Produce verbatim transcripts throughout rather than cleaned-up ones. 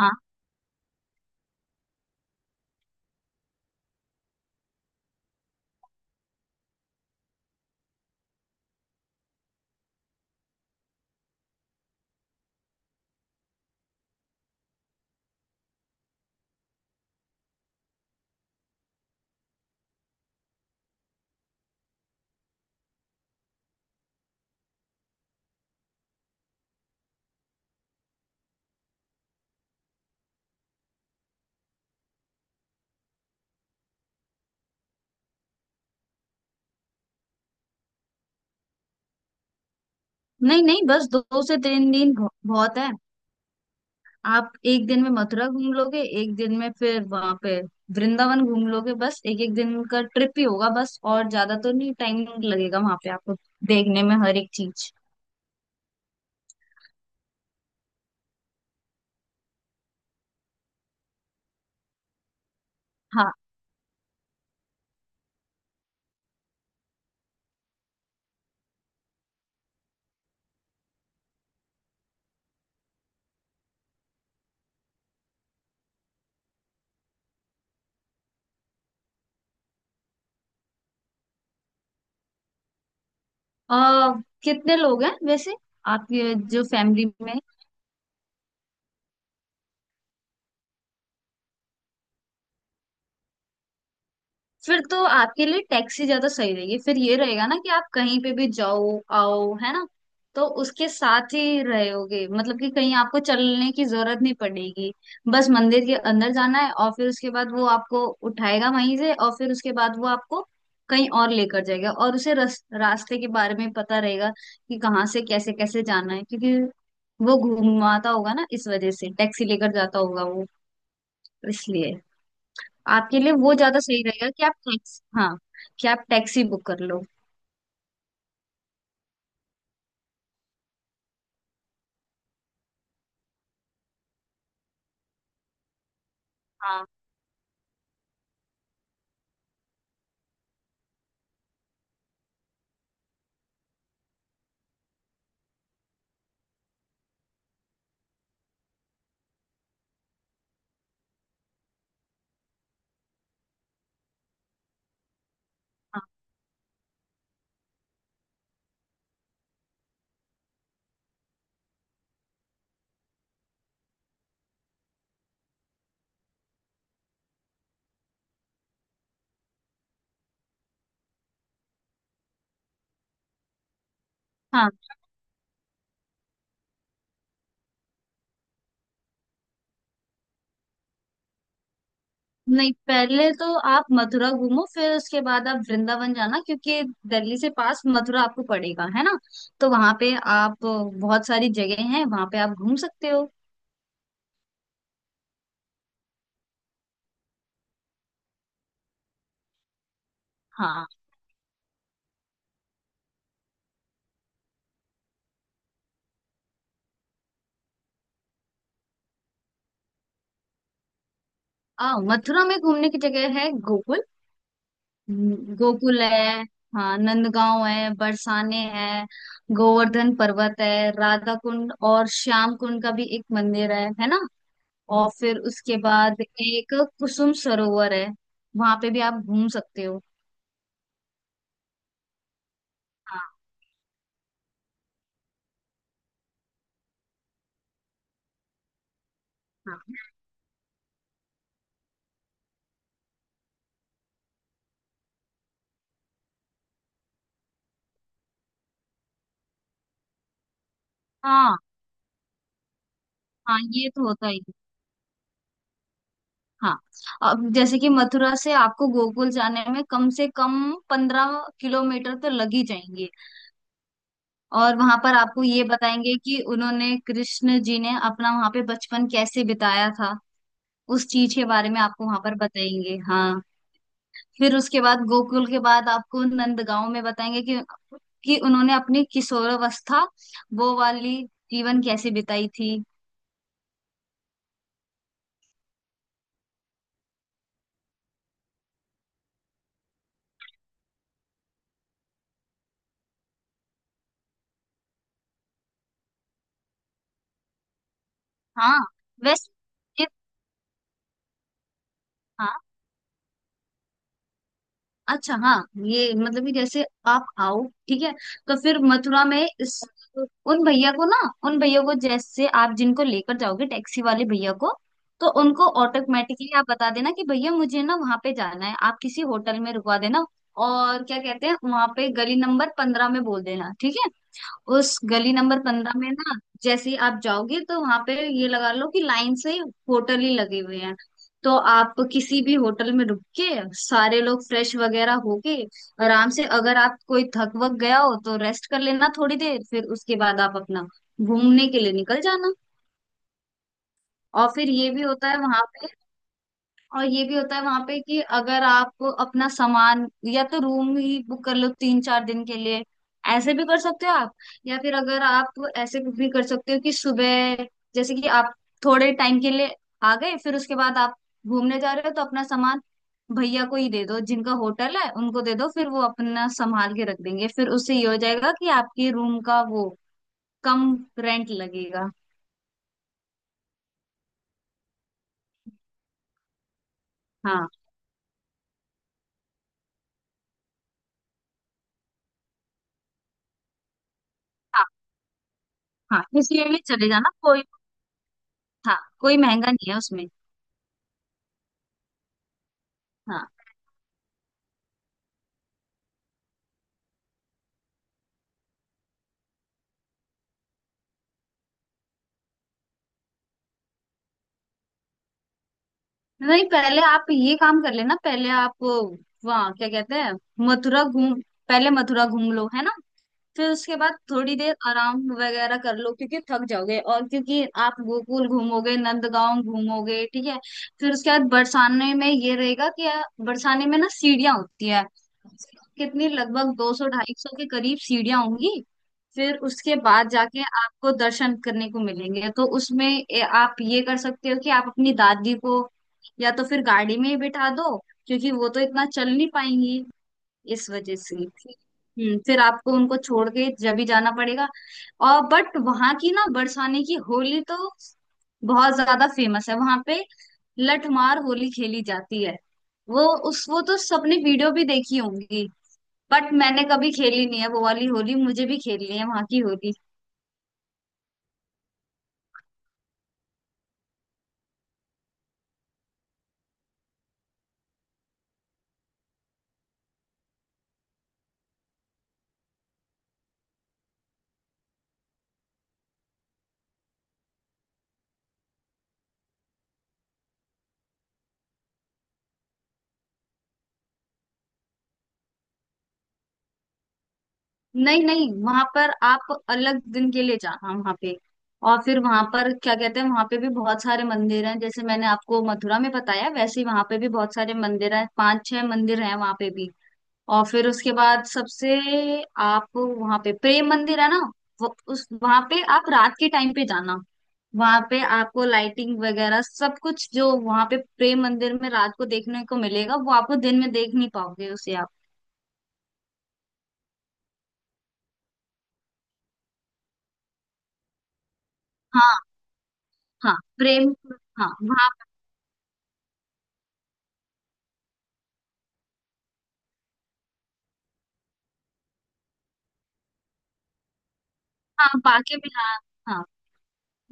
हाँ। नहीं नहीं बस दो से तीन दिन बहु- बहुत है। आप एक दिन में मथुरा घूम लोगे, एक दिन में फिर वहां पे वृंदावन घूम लोगे। बस एक एक दिन का ट्रिप ही होगा। बस और ज्यादा तो नहीं टाइम लगेगा वहां पे आपको देखने में हर एक चीज। हाँ। अ, कितने लोग हैं वैसे आपके जो फैमिली में? फिर तो आपके लिए टैक्सी ज्यादा सही रहेगी। फिर ये रहेगा ना कि आप कहीं पे भी जाओ आओ, है ना। तो उसके साथ ही रहोगे, मतलब कि कहीं आपको चलने की जरूरत नहीं पड़ेगी। बस मंदिर के अंदर जाना है और फिर उसके बाद वो आपको उठाएगा वहीं से, और फिर उसके बाद वो आपको कहीं और लेकर जाएगा और उसे रस, रास्ते के बारे में पता रहेगा कि कहाँ से कैसे कैसे जाना है, क्योंकि वो घूमाता होगा ना, इस वजह से टैक्सी लेकर जाता होगा वो, इसलिए। आपके लिए वो ज्यादा सही रहेगा कि आप टैक्सी, हाँ, कि आप टैक्सी बुक कर लो। हाँ हाँ हाँ। नहीं पहले तो आप मथुरा घूमो, फिर उसके बाद आप वृंदावन जाना, क्योंकि दिल्ली से पास मथुरा आपको पड़ेगा, है ना। तो वहां पे आप बहुत सारी जगह हैं, वहां पे आप घूम सकते हो। हाँ। आ, मथुरा में घूमने की जगह है गोकुल। हम्म, गोकुल है। हाँ, नंदगांव है, बरसाने है, गोवर्धन पर्वत है, राधा कुंड और श्याम कुंड का भी एक मंदिर है है ना। और फिर उसके बाद एक कुसुम सरोवर है, वहां पे भी आप घूम सकते हो। हाँ हाँ हाँ। हाँ ये तो होता ही है। हाँ अब जैसे कि मथुरा से आपको गोकुल जाने में कम से कम पंद्रह किलोमीटर तो लग ही जाएंगे। और वहां पर आपको ये बताएंगे कि उन्होंने कृष्ण जी ने अपना वहां पे बचपन कैसे बिताया था। उस चीज के बारे में आपको वहां पर बताएंगे। हाँ फिर उसके बाद गोकुल के बाद आपको नंदगांव में बताएंगे कि कि उन्होंने अपनी किशोरावस्था, वो वाली जीवन कैसे बिताई थी। हाँ वैसे ये- हाँ अच्छा। हाँ ये मतलब कि जैसे आप आओ, ठीक है, तो फिर मथुरा में इस, उन भैया को ना, उन भैया को जैसे आप जिनको लेकर जाओगे टैक्सी वाले भैया को, तो उनको ऑटोमेटिकली आप बता देना कि भैया मुझे ना वहां पे जाना है, आप किसी होटल में रुकवा देना। और क्या कहते हैं वहां पे गली नंबर पंद्रह में बोल देना, ठीक है। उस गली नंबर पंद्रह में ना जैसे ही आप जाओगे तो वहां पे, ये लगा लो कि लाइन से होटल ही लगे हुए हैं। तो आप किसी भी होटल में रुक के, सारे लोग फ्रेश वगैरह होके आराम से, अगर आप कोई थक वक गया हो तो रेस्ट कर लेना थोड़ी देर, फिर उसके बाद आप अपना घूमने के लिए निकल जाना। और फिर ये भी होता है वहां पे, और ये भी होता है वहां पे, कि अगर आप अपना सामान, या तो रूम ही बुक कर लो तीन चार दिन के लिए, ऐसे भी कर सकते हो आप। या फिर अगर आप ऐसे भी कर सकते हो कि सुबह जैसे कि आप थोड़े टाइम के लिए आ गए, फिर उसके बाद आप घूमने जा रहे हो तो अपना सामान भैया को ही दे दो, जिनका होटल है उनको दे दो, फिर वो अपना संभाल के रख देंगे, फिर उससे ये हो जाएगा कि आपके रूम का वो कम रेंट लगेगा। हाँ हाँ हाँ इसलिए भी चले जाना, कोई, हाँ कोई महंगा नहीं है उसमें। हाँ नहीं पहले आप ये काम कर लेना, पहले आप वहाँ क्या कहते हैं, मथुरा घूम, पहले मथुरा घूम लो, है ना। फिर उसके बाद थोड़ी देर आराम वगैरह कर लो, क्योंकि थक जाओगे और क्योंकि आप गोकुल घूमोगे नंदगांव घूमोगे, ठीक है। फिर उसके बाद बरसाने में ये रहेगा कि आ, बरसाने में ना सीढ़ियाँ होती है। कितनी, लगभग दो सौ ढाई सौ के करीब सीढ़ियाँ होंगी। फिर उसके बाद जाके आपको दर्शन करने को मिलेंगे, तो उसमें ए, आप ये कर सकते हो कि आप अपनी दादी को या तो फिर गाड़ी में ही बिठा दो, क्योंकि वो तो इतना चल नहीं पाएंगी, इस वजह से। ठीक। हम्म फिर आपको उनको छोड़ के जब भी जाना पड़ेगा। और बट वहां की ना बरसाने की होली तो बहुत ज्यादा फेमस है वहां पे, लठमार होली खेली जाती है। वो उस, वो तो सबने वीडियो भी देखी होंगी, बट मैंने कभी खेली नहीं है वो वाली होली, मुझे भी खेलनी है वहां की होली। नहीं नहीं वहां पर आप अलग दिन के लिए जाना वहां पे। और फिर वहां पर क्या कहते हैं, वहां पे भी बहुत सारे मंदिर हैं, जैसे मैंने आपको मथुरा में बताया वैसे ही वहां पे भी बहुत सारे मंदिर हैं, पांच छह मंदिर हैं वहां पे भी। और फिर उसके बाद सबसे, आप वहां पे प्रेम मंदिर है ना, वो उस, वहां पे आप रात के टाइम पे जाना। वहां पे आपको लाइटिंग वगैरह सब कुछ जो वहां पे प्रेम मंदिर में रात को देखने को मिलेगा वो आपको दिन में देख नहीं पाओगे उसे आप। हाँ। हाँ प्रेम। हाँ वहां। हाँ बांके बिहार। हाँ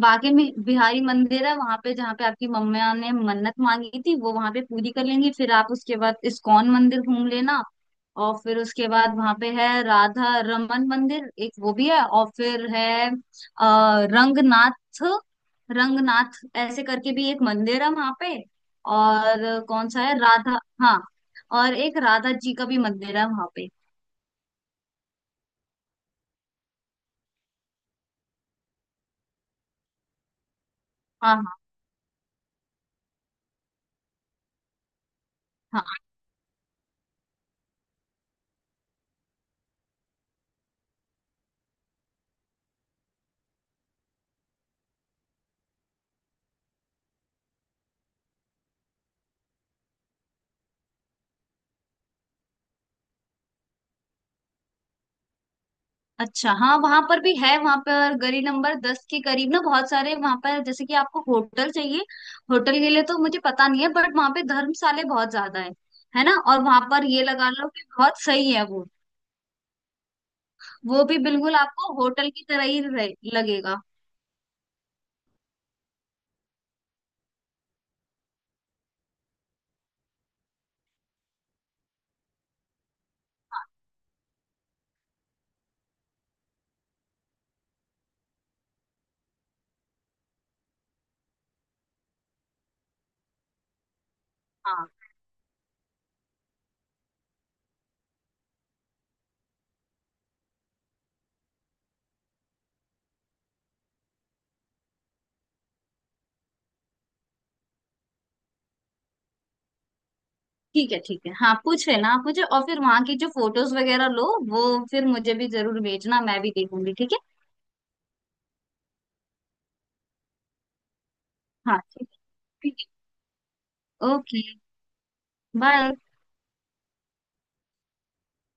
बांके में बिहारी मंदिर है वहां पे, जहाँ पे आपकी मम्मा ने मन्नत मांगी थी वो वहां पे पूरी कर लेंगी। फिर आप उसके बाद इस्कॉन मंदिर घूम लेना। और फिर उसके बाद वहां पे है राधा रमन मंदिर, एक वो भी है। और फिर है अ, रंगनाथ, रंगनाथ ऐसे करके भी एक मंदिर है वहां पे। और कौन सा है राधा, हाँ, और एक राधा जी का भी मंदिर है वहां पे। हाँ हाँ हाँ। अच्छा हाँ वहां पर भी है। वहां पर गली नंबर दस के करीब ना, बहुत सारे वहां पर जैसे कि आपको होटल चाहिए। होटल के लिए तो मुझे पता नहीं है, बट वहां पे धर्मशाले बहुत ज्यादा है है ना। और वहां पर ये लगा लो कि बहुत सही है वो वो भी बिल्कुल आपको होटल की तरह ही रहे- लगेगा। हाँ ठीक है ठीक है, हाँ पूछ लेना आप मुझे, और फिर वहां की जो फोटोज वगैरह लो वो फिर मुझे भी जरूर भेजना, मैं भी देखूंगी, ठीक है। हाँ ठीक है ठीक है। Okay bye.